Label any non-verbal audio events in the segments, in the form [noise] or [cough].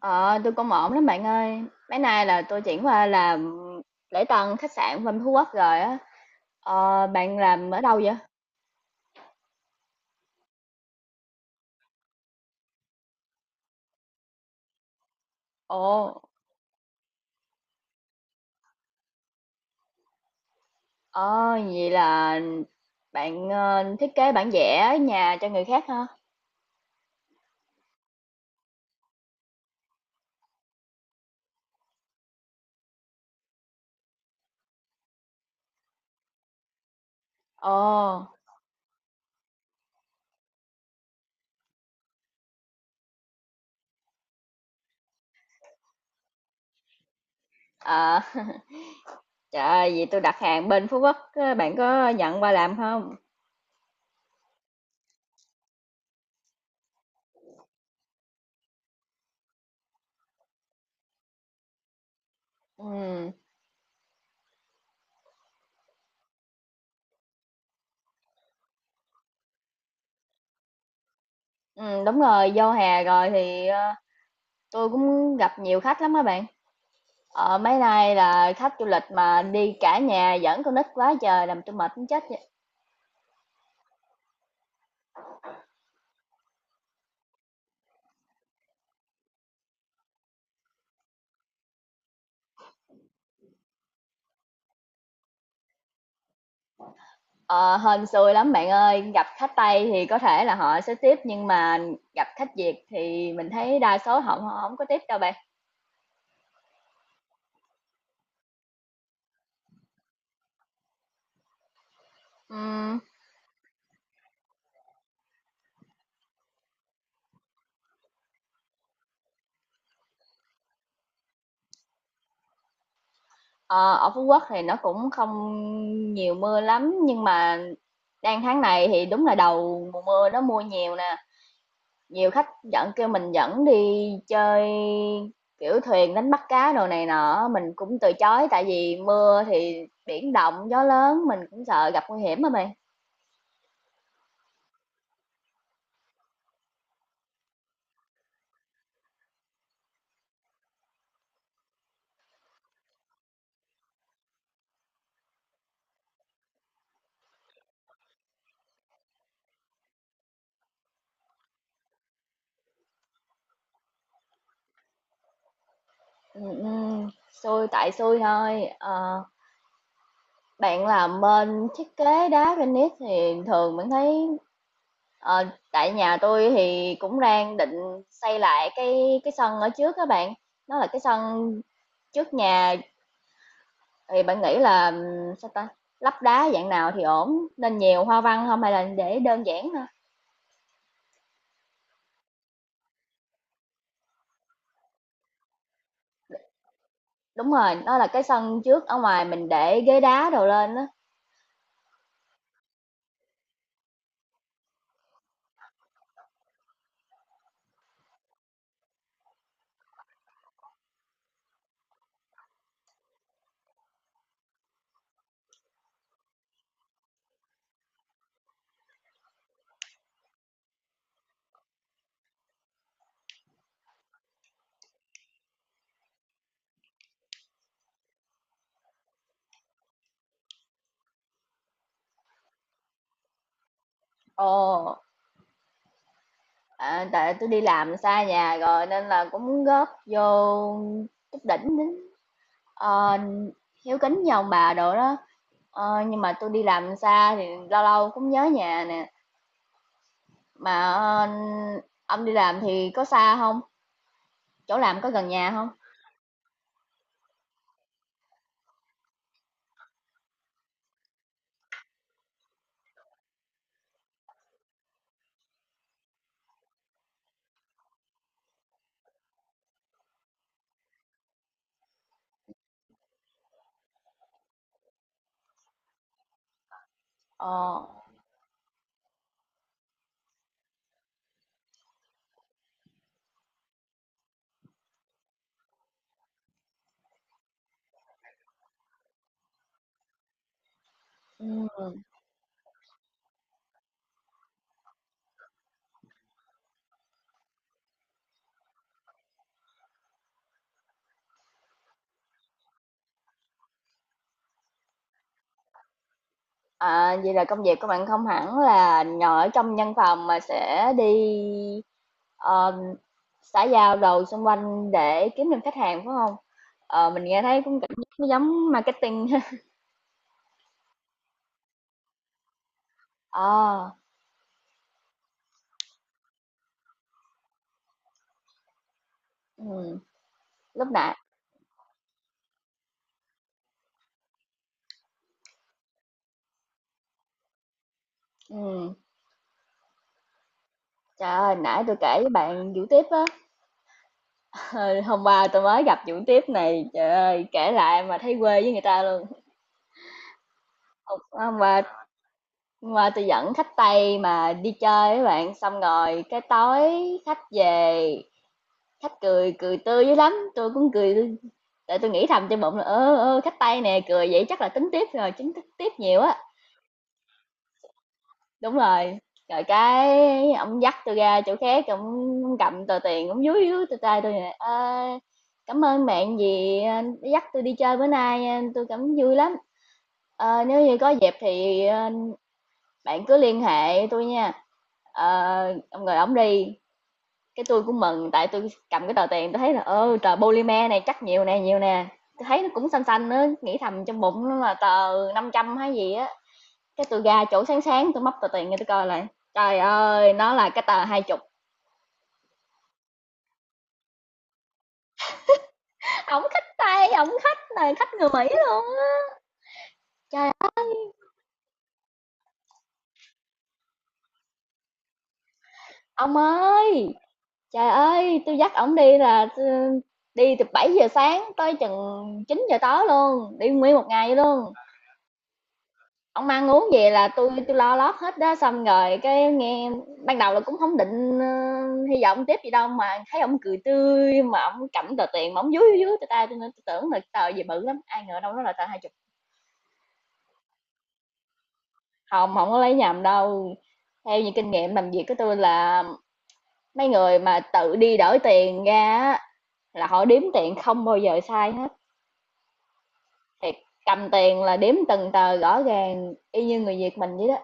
Ờ, tôi cũng ổn lắm bạn ơi. Mấy nay là tôi chuyển qua làm lễ tân khách sạn bên Phú Quốc rồi á. Ờ, bạn làm ở đâu vậy? Ồ, ờ, vậy là bạn thiết kế bản vẽ nhà cho người khác hả? Ồ, ờ, [laughs] trời ơi, vậy tôi đặt hàng bên Phú Quốc, á, bạn có nhận qua làm không? Ừ, ừ, đúng rồi, vô hè rồi thì tôi cũng gặp nhiều khách lắm á bạn. Ờ, mấy nay là khách du lịch mà đi cả nhà dẫn con nít quá trời làm tôi mệt muốn chết vậy. Ờ, hên xui lắm bạn ơi, gặp khách Tây thì có thể là họ sẽ tiếp nhưng mà gặp khách Việt thì mình thấy đa số họ họ không có tiếp đâu bạn. Ừm, ờ, ở Phú Quốc thì nó cũng không nhiều mưa lắm nhưng mà đang tháng này thì đúng là đầu mùa mưa nó mưa nhiều nè. Nhiều khách dẫn kêu mình dẫn đi chơi, kiểu, thuyền đánh bắt cá đồ này nọ mình cũng từ chối tại vì mưa thì biển động, gió lớn, mình cũng sợ gặp nguy hiểm mà mày. Ừm, ừm, xui tại xui thôi. Ờ, bạn làm bên thiết kế đá granite thì thường mình thấy ờ, tại nhà tôi thì cũng đang định xây lại cái sân ở trước các bạn. Nó là cái sân trước nhà. Thì bạn nghĩ là, sao ta, lắp đá dạng nào thì ổn, nên nhiều hoa văn không hay là để đơn giản thôi? Đúng rồi, đó là cái sân trước ở ngoài mình để ghế đá đồ lên á. Ồ, à, tại tôi đi làm xa nhà rồi nên là cũng muốn góp vô chút đỉnh đến, ờ, hiếu kính với ông bà đồ đó. Ờ, nhưng mà tôi đi làm xa thì lâu lâu cũng nhớ nhà nè, mà, ơ, ông đi làm thì có xa không? Chỗ làm có gần nhà không? Ờ, ừm. À, vậy là công việc của bạn không hẳn là ngồi ở trong văn phòng mà sẽ đi, ờ, xã giao đồ xung quanh để kiếm được khách hàng, phải không? Ờ, mình nghe thấy cũng cảm giác nó giống marketing [laughs] ha. Ờ, ừm, lúc nãy ừm, trời ơi, nãy tôi kể với bạn vụ tiếp á, ờ, hôm qua tôi mới gặp vụ tiếp này, trời ơi, kể lại mà thấy quê với người ta luôn. Hôm hôm qua tui dẫn khách Tây mà đi chơi với bạn, xong rồi cái tối khách về, khách cười cười tươi dữ lắm, tôi cũng cười tươi tại tôi nghĩ thầm trong bụng là, ơ, ơ, khách Tây nè cười vậy chắc là tính tiếp rồi, chính thức tiếp nhiều á. Đúng rồi. Rồi cái ông dắt tôi ra chỗ khác, ông cầm tờ tiền, ông dúi dúi tôi tay tôi nè: "Ơ, cảm ơn bạn vì đã dắt tôi đi chơi bữa nay, tôi cảm vui lắm. Ờ, nếu như có dịp thì bạn cứ liên hệ tôi nha." Ờ, ông rồi ông đi. Cái tôi cũng mừng, tại tôi cầm cái tờ tiền tôi thấy là, ơ, tờ polymer này chắc nhiều nè, nhiều nè. Tôi thấy nó cũng xanh xanh á, nghĩ thầm trong bụng nó là tờ 500 hay gì á. Cái tôi ra chỗ sáng sáng tôi móc tờ tiền nghe tôi coi lại. Trời ơi, nó là cái tờ 20. Ổng khách Tây, ổng khách này, khách người Mỹ luôn á. Trời ơi, ông ơi, trời ơi, tôi dắt ổng đi là, đi từ 7 giờ sáng tới chừng 9 giờ tối luôn, đi nguyên một ngày vậy luôn. Ông ăn uống vậy là tôi lo lót hết đó, xong rồi cái nghe ban đầu là cũng không định, ơ, hy vọng tiếp gì đâu, mà thấy ông cười tươi, mà ông cầm tờ tiền mà ổng dúi, dúi, dúi tay tôi, nên tôi tưởng là tờ gì bự lắm, ai ngờ đâu nó là tờ 20. Hông, không có lấy nhầm đâu. Theo như kinh nghiệm làm việc của tôi là mấy người mà tự đi đổi tiền ra á, là họ đếm tiền không bao giờ sai hết, thiệt, cầm tiền là đếm từng tờ rõ ràng y như người Việt mình vậy đó.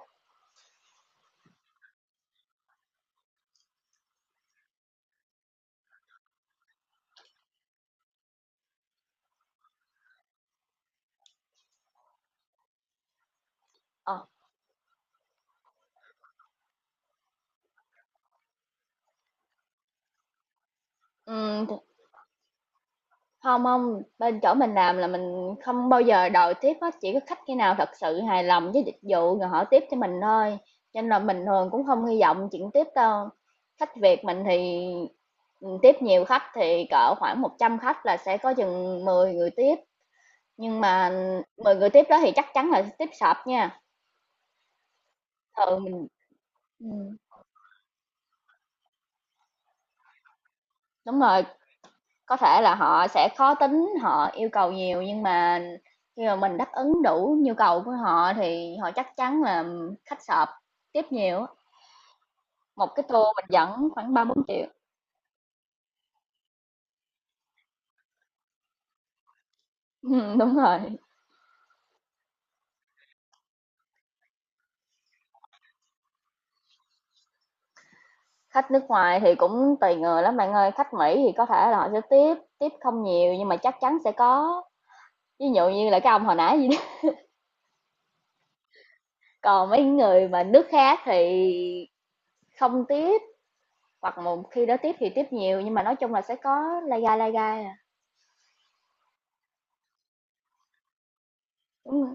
Ờ, ừm. Hông, hông, bên chỗ mình làm là mình không bao giờ đòi tiếp hết, chỉ có khách khi nào thật sự hài lòng với dịch vụ rồi họ tiếp cho mình thôi, cho nên là mình thường cũng không hy vọng chuyện tiếp đâu. Khách Việt mình thì, ừ, tiếp nhiều khách thì cỡ khoảng 100 khách là sẽ có chừng 10 người tiếp, nhưng mà 10 người tiếp đó thì chắc chắn là tiếp sập nha, thường mình ừm, đúng rồi. Có thể là họ sẽ khó tính, họ yêu cầu nhiều nhưng mà khi mà mình đáp ứng đủ nhu cầu của họ thì họ chắc chắn là khách sộp, tiếp nhiều. Một cái tour mình dẫn khoảng 3 4 triệu. [laughs] 4, đúng rồi. Khách nước ngoài thì cũng tùy người lắm bạn ơi, khách Mỹ thì có thể là họ sẽ tiếp, tiếp không nhiều nhưng mà chắc chắn sẽ có, ví dụ như là cái ông hồi nãy gì đó. [laughs] Còn mấy người mà nước khác thì không tiếp, hoặc một khi đó tiếp thì tiếp nhiều nhưng mà nói chung là sẽ có lai gai à. Đúng rồi.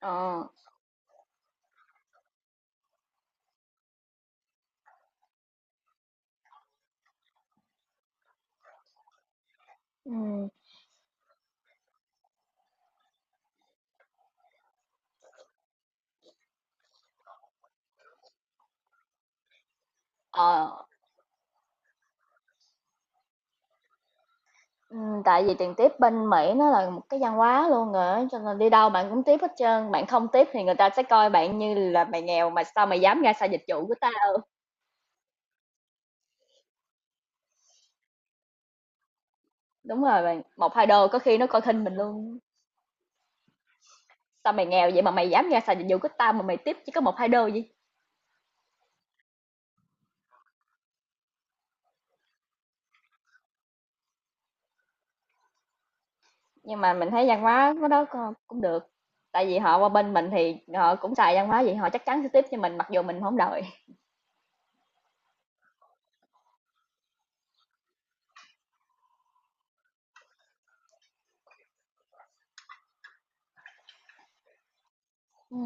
Ờ, ừm. Ờ, tại vì tiền tiếp bên Mỹ nó là một cái văn hóa luôn rồi á, cho nên đi đâu bạn cũng tiếp hết trơn, bạn không tiếp thì người ta sẽ coi bạn như là mày nghèo mà sao mày dám ra xài dịch vụ của tao. Đúng rồi bạn, 1, 2 đô có khi nó coi khinh mình luôn. Sao mày nghèo vậy mà mày dám ra xài dịch vụ của tao mà mày tiếp chỉ có 1 2 đô gì. Nhưng mà mình thấy văn hóa của đó cũng được. Tại vì họ qua bên mình thì họ cũng xài văn hóa vậy, họ chắc chắn sẽ tiếp cho mình mặc dù mình không đòi. Ừ.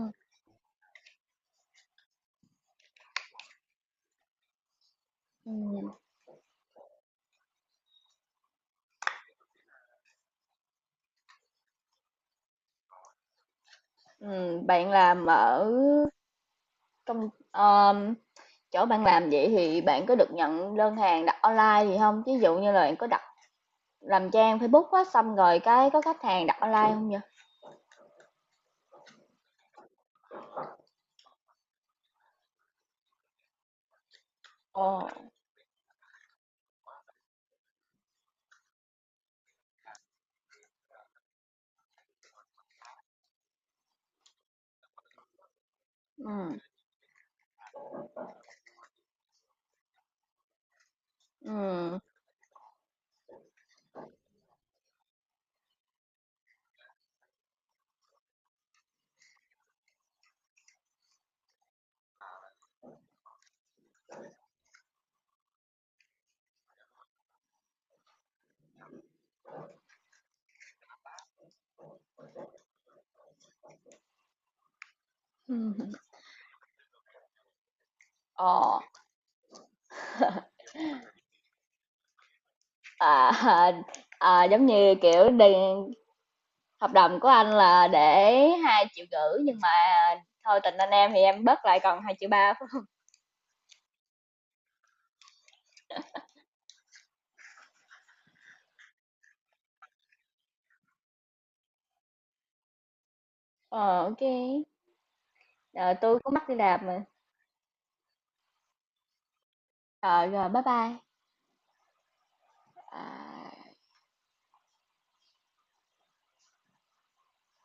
Ừ. Ừ, bạn làm ở công chỗ bạn làm vậy thì bạn có được nhận đơn hàng đặt online gì không, ví dụ như là bạn có đặt làm trang Facebook á, xong rồi cái có khách hàng đặt online không vậy? Ồ, ừm, ừm, ừm, ờ, à, [laughs] à, à, giống như, kiểu, đi hợp đồng của anh là để 2,5 triệu nhưng mà thôi tình anh em thì em bớt lại còn 2,3 triệu phải hông? Ờ, ô, ờ, tui cũng mắc đi làm mà. Ờ, rồi, bye bye. À.